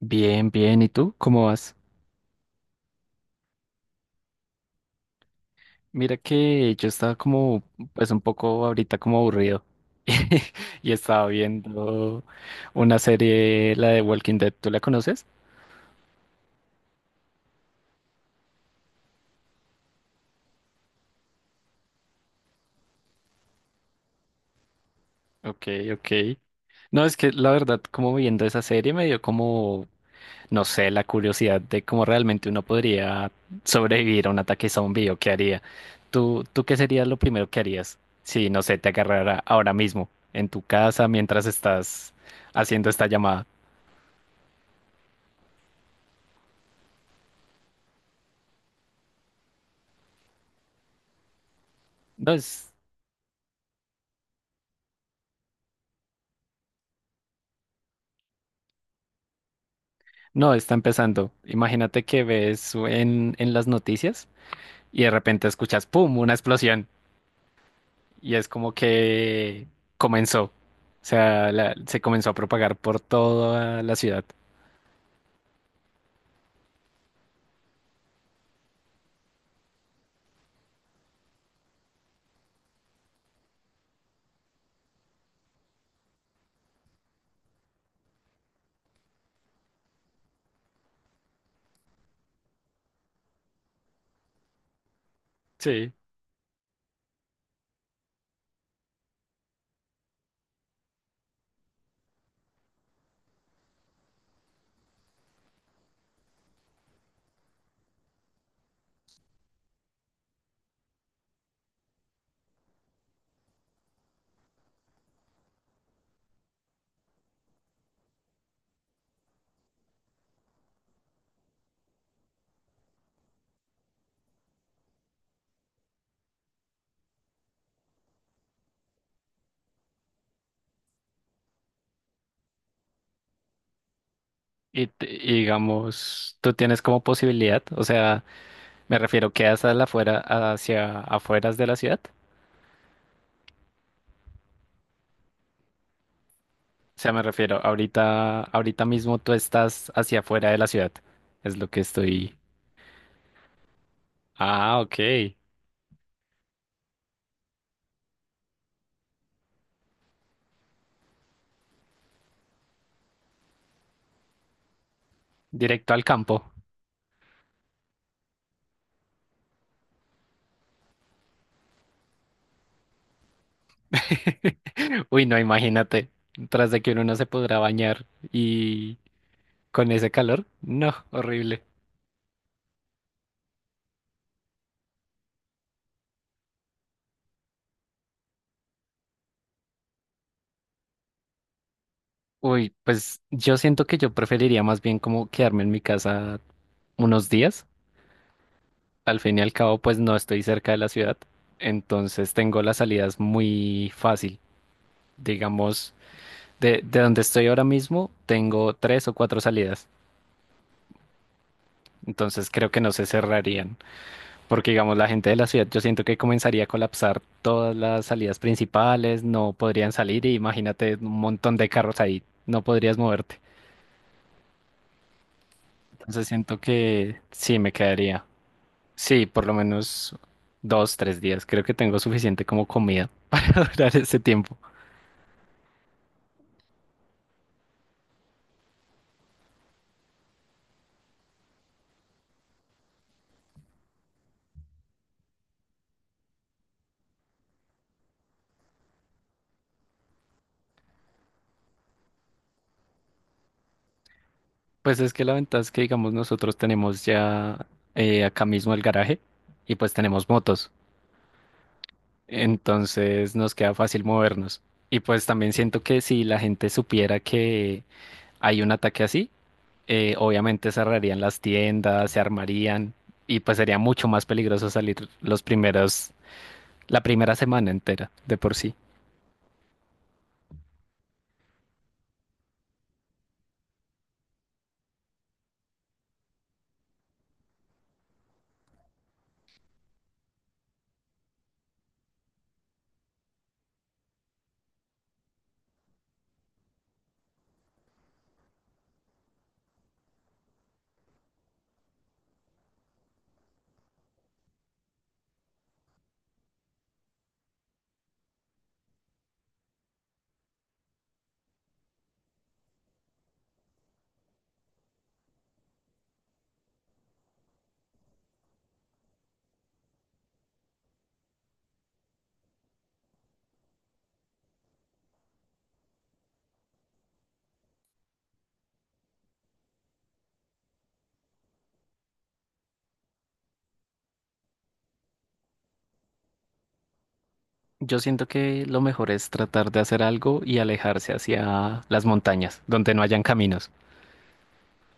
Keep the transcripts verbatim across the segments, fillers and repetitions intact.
Bien, bien. ¿Y tú? ¿Cómo vas? Mira que yo estaba como, pues un poco ahorita como aburrido. Y estaba viendo una serie, la de Walking Dead. ¿Tú la conoces? Ok, ok. No, es que la verdad, como viendo esa serie me dio como, no sé, la curiosidad de cómo realmente uno podría sobrevivir a un ataque zombie o qué haría. ¿Tú, tú qué sería lo primero que harías si, no sé, te agarrara ahora mismo en tu casa mientras estás haciendo esta llamada? No es, no está empezando. Imagínate que ves en, en las noticias y de repente escuchas ¡pum! Una explosión y es como que comenzó. O sea, la- se comenzó a propagar por toda la ciudad. Sí. Y, t- y digamos, tú tienes como posibilidad, o sea, me refiero, quedas a la afuera, hacia afueras de la ciudad. O sea, me refiero, ahorita, ahorita mismo tú estás hacia afuera de la ciudad. Es lo que estoy. Ah, ok. Directo al campo. Uy, no, imagínate, tras de que uno no se podrá bañar y con ese calor, no, horrible. Uy, pues yo siento que yo preferiría más bien como quedarme en mi casa unos días. Al fin y al cabo, pues no estoy cerca de la ciudad, entonces tengo las salidas muy fácil. Digamos, de, de donde estoy ahora mismo, tengo tres o cuatro salidas, entonces creo que no se cerrarían. Porque, digamos, la gente de la ciudad, yo siento que comenzaría a colapsar todas las salidas principales, no podrían salir y imagínate un montón de carros ahí, no podrías moverte. Entonces siento que sí, me quedaría. Sí, por lo menos dos, tres días. Creo que tengo suficiente como comida para ese tiempo. Pues es que la ventaja es que, digamos, nosotros tenemos ya eh, acá mismo el garaje y pues tenemos motos. Entonces nos queda fácil movernos. Y pues también siento que si la gente supiera que hay un ataque así, eh, obviamente cerrarían las tiendas, se armarían y pues sería mucho más peligroso salir los primeros, la primera semana entera de por sí. Yo siento que lo mejor es tratar de hacer algo y alejarse hacia las montañas, donde no hayan caminos.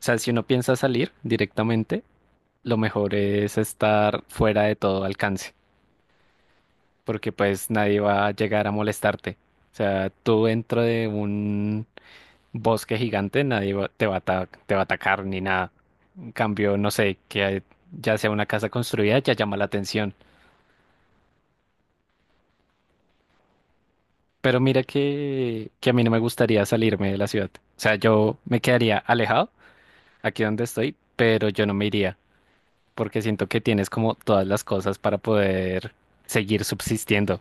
O sea, si uno piensa salir directamente, lo mejor es estar fuera de todo alcance, porque pues nadie va a llegar a molestarte. O sea, tú dentro de un bosque gigante, nadie va- te va a ata- te va a atacar ni nada. En cambio, no sé, que ya sea una casa construida, ya llama la atención. Pero mira que, que a mí no me gustaría salirme de la ciudad. O sea, yo me quedaría alejado aquí donde estoy, pero yo no me iría, porque siento que tienes como todas las cosas para poder seguir subsistiendo.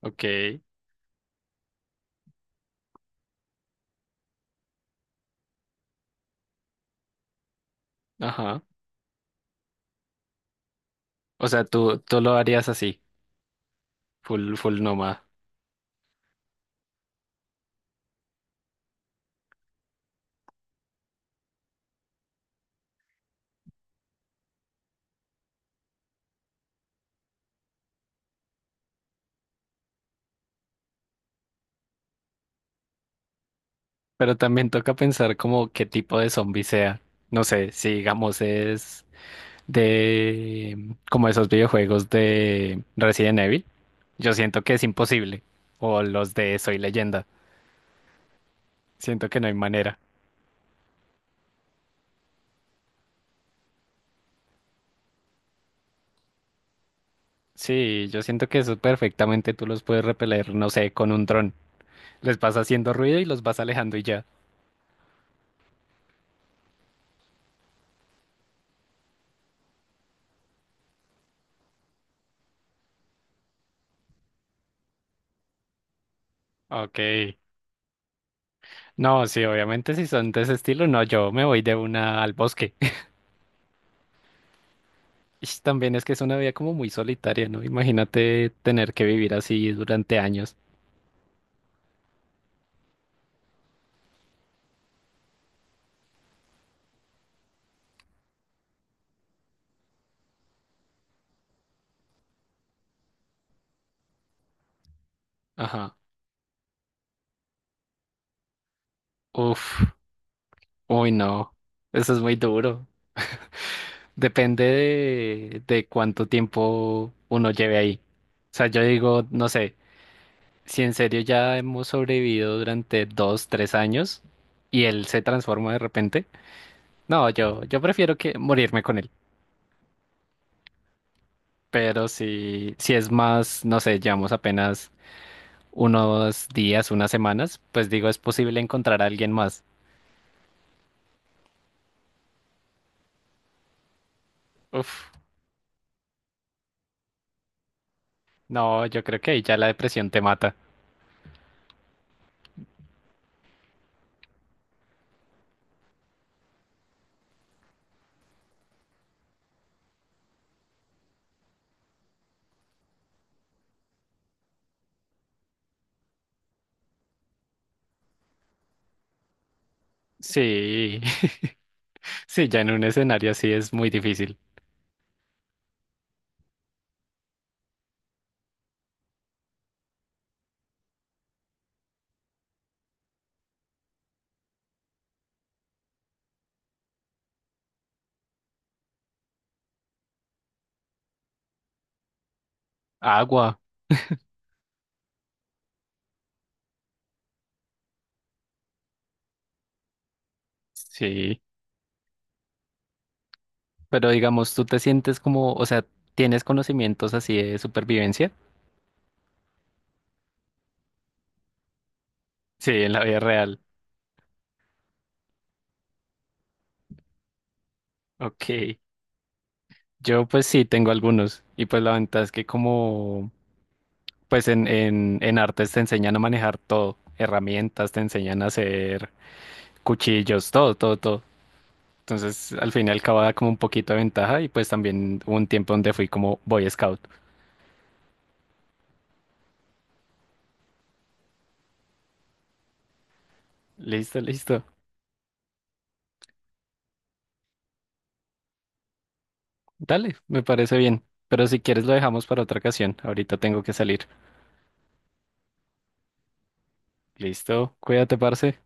Ok, ajá. O sea, tú, tú lo harías así, full, full nómada. Pero también toca pensar como qué tipo de zombie sea. No sé, si digamos es de como esos videojuegos de Resident Evil. Yo siento que es imposible. O los de Soy Leyenda. Siento que no hay manera. Sí, yo siento que eso perfectamente tú los puedes repeler, no sé, con un dron. Les vas haciendo ruido y los vas alejando y ya. Ok. No, sí, obviamente si son de ese estilo, no, yo me voy de una al bosque. Y también es que es una vida como muy solitaria, ¿no? Imagínate tener que vivir así durante años. Ajá. Uf. Uy, no. Eso es muy duro. Depende de, de cuánto tiempo uno lleve ahí. O sea, yo digo, no sé, si en serio ya hemos sobrevivido durante dos, tres años y él se transforma de repente, no, yo, yo prefiero que morirme con él. Pero si, si es más, no sé, llevamos apenas unos días, unas semanas, pues digo, es posible encontrar a alguien más. Uf, no, yo creo que ahí ya la depresión te mata. Sí, sí, ya en un escenario así es muy difícil. Agua. Sí, pero digamos, tú te sientes como, o sea, tienes conocimientos así de supervivencia. Sí, en la vida real. Ok. Yo pues sí tengo algunos. Y pues la ventaja es que como, pues en, en, en artes te enseñan a manejar todo. Herramientas, te enseñan a hacer cuchillos, todo, todo, todo. Entonces, al fin y al cabo da como un poquito de ventaja y pues también hubo un tiempo donde fui como Boy Scout. Listo, listo. Dale, me parece bien. Pero si quieres lo dejamos para otra ocasión. Ahorita tengo que salir. Listo, cuídate, parce.